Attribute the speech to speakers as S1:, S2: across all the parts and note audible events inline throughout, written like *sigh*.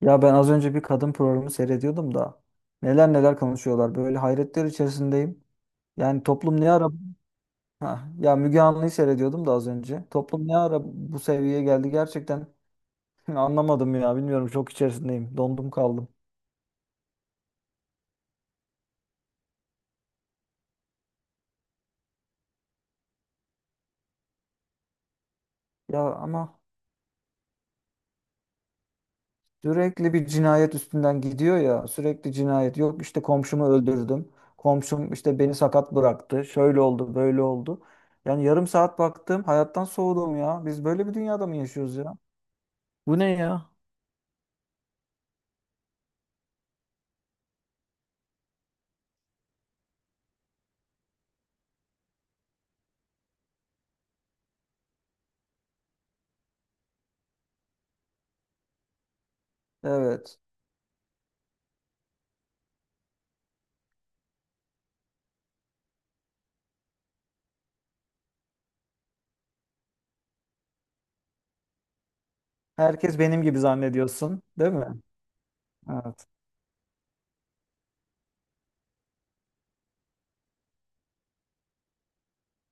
S1: Ya ben az önce bir kadın programı seyrediyordum da neler neler konuşuyorlar. Böyle hayretler içerisindeyim. Yani toplum ne ara ha, ya Müge Anlı'yı seyrediyordum da az önce. Toplum ne ara bu seviyeye geldi gerçekten *laughs* anlamadım ya. Bilmiyorum çok içerisindeyim. Dondum kaldım. Ya ama sürekli bir cinayet üstünden gidiyor ya. Sürekli cinayet. Yok işte komşumu öldürdüm. Komşum işte beni sakat bıraktı. Şöyle oldu, böyle oldu. Yani yarım saat baktım hayattan soğudum ya. Biz böyle bir dünyada mı yaşıyoruz ya? Bu ne ya? Evet. Herkes benim gibi zannediyorsun, değil mi? Evet.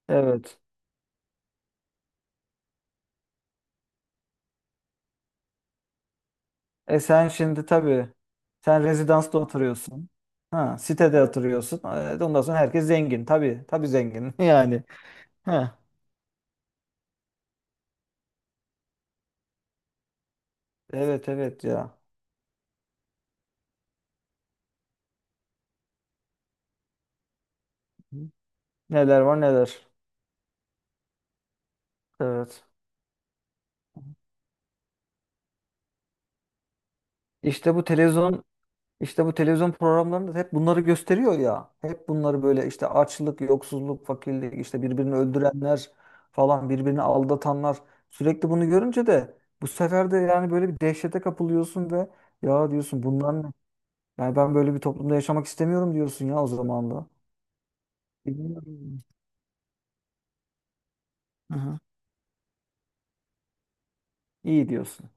S1: Evet. E sen şimdi tabii sen rezidansta oturuyorsun. Ha, sitede oturuyorsun. Evet, ondan sonra herkes zengin. Tabii, tabii zengin *laughs* yani. Ha. Evet, evet ya. Neler var neler. Evet. İşte bu televizyon İşte bu televizyon programlarında da hep bunları gösteriyor ya. Hep bunları böyle işte açlık, yoksulluk, fakirlik, işte birbirini öldürenler falan, birbirini aldatanlar. Sürekli bunu görünce de bu sefer de yani böyle bir dehşete kapılıyorsun ve ya diyorsun bunlar ne? Yani ben böyle bir toplumda yaşamak istemiyorum diyorsun ya o zaman da. Bilmiyorum. Aha. İyi diyorsun.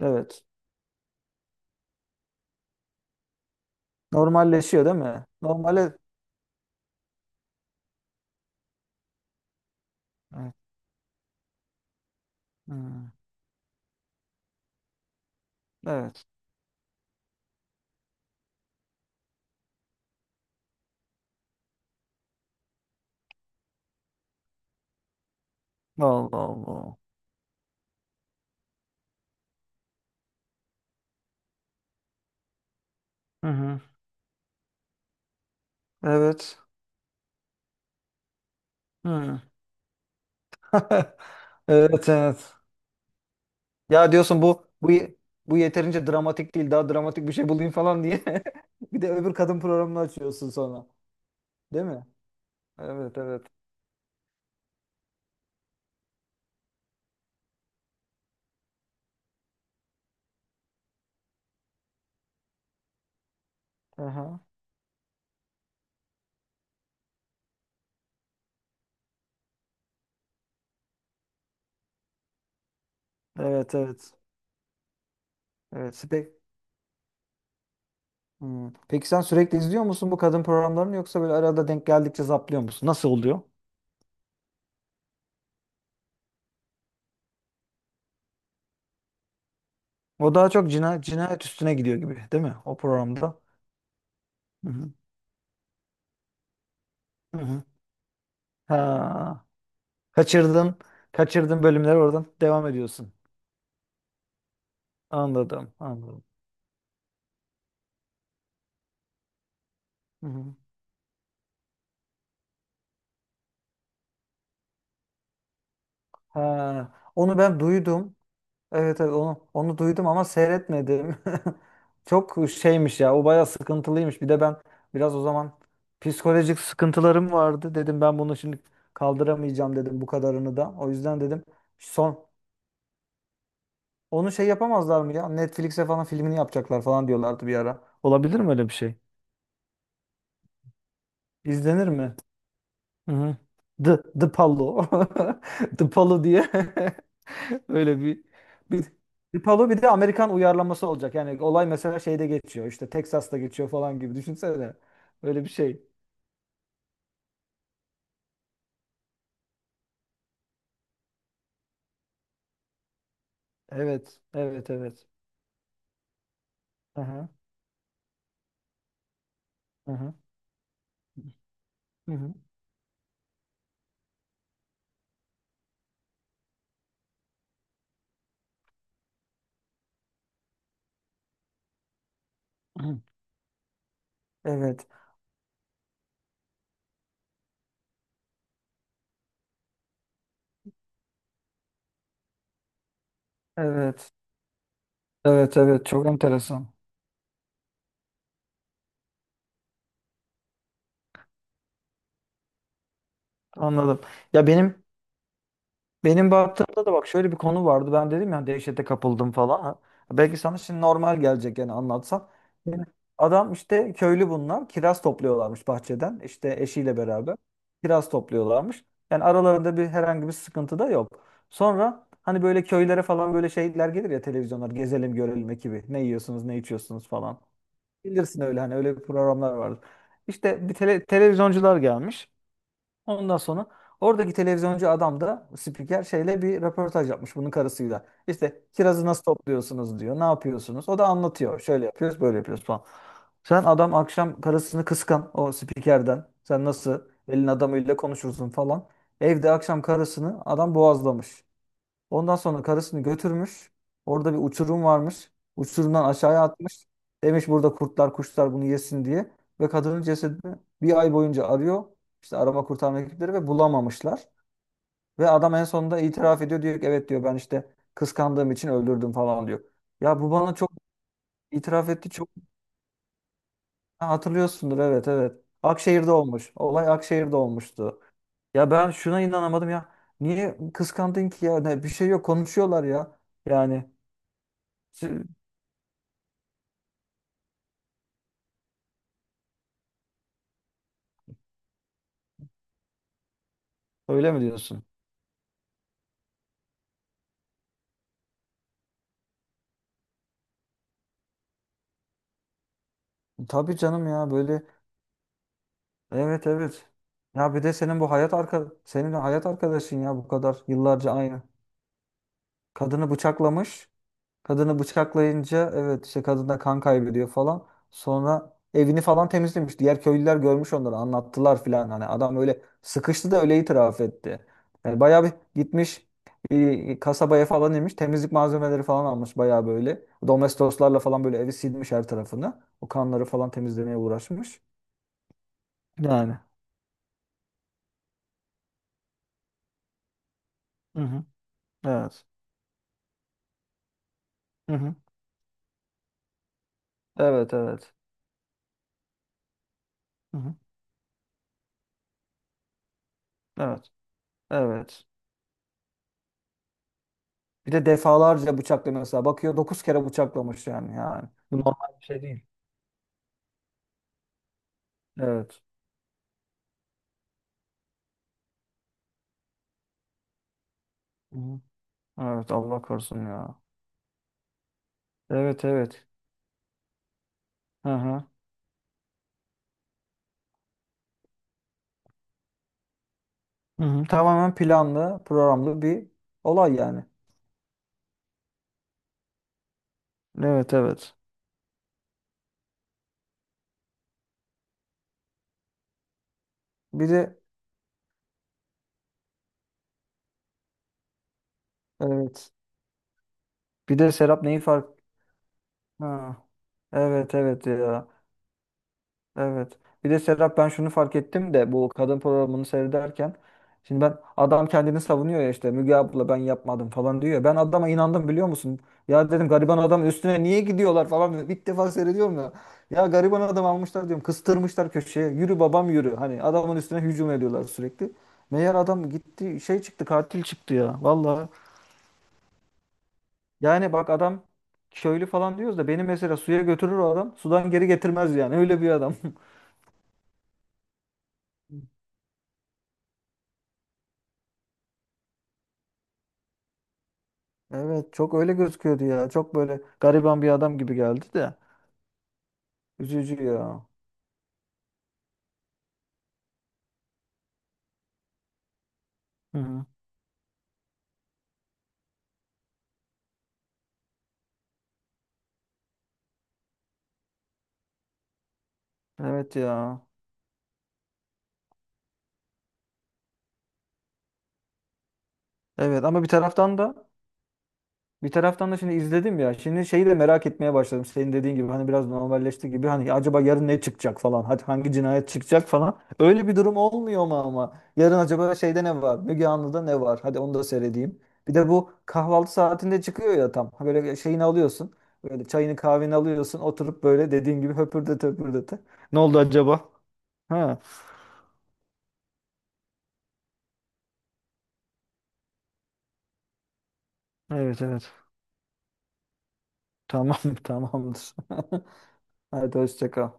S1: Evet. Normalleşiyor değil mi? Normale... Evet. Hı. Evet. Allah Allah. Hı hı. Evet. Hı. *laughs* Evet evet. Ya diyorsun bu yeterince dramatik değil. Daha dramatik bir şey bulayım falan diye. *laughs* Bir de öbür kadın programını açıyorsun sonra. Değil mi? Evet evet. Aha. Evet evet. Evet. Spe- hmm. Peki sen sürekli izliyor musun bu kadın programlarını yoksa böyle arada denk geldikçe zaplıyor musun? Nasıl oluyor? O daha çok cinayet üstüne gidiyor gibi, değil mi? O programda. Hı hı. Hı hı. Ha. Kaçırdın. Kaçırdın bölümleri oradan devam ediyorsun. Anladım. Anladım. Hı hı. Ha. Onu ben duydum. Evet evet onu duydum ama seyretmedim. *laughs* Çok şeymiş ya. O bayağı sıkıntılıymış. Bir de ben biraz o zaman psikolojik sıkıntılarım vardı. Dedim ben bunu şimdi kaldıramayacağım dedim bu kadarını da. O yüzden dedim son onu şey yapamazlar mı ya? Netflix'e falan filmini yapacaklar falan diyorlardı bir ara. Olabilir mi öyle bir şey? İzlenir mi? Hı hı. The, the Palo. *laughs* The Palo diye. *laughs* *laughs* Öyle bir Bir Palo bir de Amerikan uyarlaması olacak. Yani olay mesela şeyde geçiyor. İşte Texas'ta geçiyor falan gibi. Düşünsene. Öyle bir şey. Evet. Evet. Evet. Aha, aha, hı hı, *clears throat* hı. Evet. Evet. Evet. Evet. Çok enteresan. Anladım. Ya benim benim baktığımda da bak şöyle bir konu vardı. Ben dedim ya dehşete kapıldım falan. Ha, belki sana şimdi normal gelecek yani anlatsam. Yani adam işte köylü bunlar. Kiraz topluyorlarmış bahçeden. İşte eşiyle beraber kiraz topluyorlarmış. Yani aralarında bir herhangi bir sıkıntı da yok. Sonra hani böyle köylere falan böyle şeyler gelir ya televizyonlar gezelim görelim ekibi. Ne yiyorsunuz ne içiyorsunuz falan. Bilirsin öyle hani öyle programlar vardır. İşte bir televizyoncular gelmiş. Ondan sonra oradaki televizyoncu adam da spiker şeyle bir röportaj yapmış bunun karısıyla. İşte kirazı nasıl topluyorsunuz diyor. Ne yapıyorsunuz? O da anlatıyor. Şöyle yapıyoruz, böyle yapıyoruz falan. Sen adam akşam karısını kıskan o spikerden. Sen nasıl elin adamıyla konuşursun falan. Evde akşam karısını adam boğazlamış. Ondan sonra karısını götürmüş. Orada bir uçurum varmış. Uçurumdan aşağıya atmış. Demiş burada kurtlar kuşlar bunu yesin diye. Ve kadının cesedini bir ay boyunca arıyor. İşte arama kurtarma ekipleri ve bulamamışlar. Ve adam en sonunda itiraf ediyor. Diyor ki evet diyor ben işte kıskandığım için öldürdüm falan diyor. Ya bu bana çok itiraf etti. Çok ha, hatırlıyorsundur evet evet. Akşehir'de olmuş. Olay Akşehir'de olmuştu. Ya ben şuna inanamadım ya. Niye kıskandın ki ya? Ne, bir şey yok konuşuyorlar ya. Yani öyle mi diyorsun? Tabii canım ya böyle evet evet. Ya bir de senin bu hayat arka senin hayat arkadaşın ya bu kadar yıllarca aynı. Kadını bıçaklamış. Kadını bıçaklayınca evet işte kadın da kan kaybediyor falan. Sonra evini falan temizlemiş. Diğer köylüler görmüş onları anlattılar filan. Hani adam öyle sıkıştı da öyle itiraf etti. Yani bayağı bir gitmiş kasabaya falan inmiş. Temizlik malzemeleri falan almış bayağı böyle. Domestoslarla falan böyle evi silmiş her tarafını. O kanları falan temizlemeye uğraşmış. Yani. Hı hı. Evet. Hı hı. Evet, evet. Hı hı. Evet. Evet. Bir de defalarca bıçaklıyor mesela. Bakıyor 9 kere bıçaklamış yani. Bu normal bir şey değil. Evet. Hı hı. Evet Allah korusun ya. Evet evet. Hı hı. Hı hı. Tamamen planlı, programlı bir olay yani. Evet evet. Bir de evet. Bir de Serap neyi fark... Ha. Evet evet ya. Evet. Bir de Serap ben şunu fark ettim de bu kadın programını seyrederken şimdi ben adam kendini savunuyor ya işte Müge abla ben yapmadım falan diyor. Ya. Ben adama inandım biliyor musun? Ya dedim gariban adam üstüne niye gidiyorlar falan ilk defa seyrediyorum ya. Ya gariban adam almışlar diyorum kıstırmışlar köşeye yürü babam yürü. Hani adamın üstüne hücum ediyorlar sürekli. Meğer adam gitti şey çıktı katil çıktı ya vallahi. Yani bak adam köylü falan diyoruz da beni mesela suya götürür o adam sudan geri getirmez yani öyle bir adam. *laughs* Evet çok öyle gözüküyordu ya. Çok böyle gariban bir adam gibi geldi de. Üzücü ya. Hı hı. Evet ya. Evet ama bir taraftan da bir taraftan da şimdi izledim ya. Şimdi şeyi de merak etmeye başladım. Senin dediğin gibi hani biraz normalleşti gibi. Hani acaba yarın ne çıkacak falan. Hadi hangi cinayet çıkacak falan. Öyle bir durum olmuyor mu ama? Yarın acaba şeyde ne var? Müge Anlı'da ne var? Hadi onu da seyredeyim. Bir de bu kahvaltı saatinde çıkıyor ya tam. Ha böyle şeyini alıyorsun. Böyle çayını kahveni alıyorsun. Oturup böyle dediğin gibi höpürdete höpürdete. Ne oldu acaba? Ha. Evet evet. Tamam *laughs* tamamdır. *laughs* Hadi hoşça kal.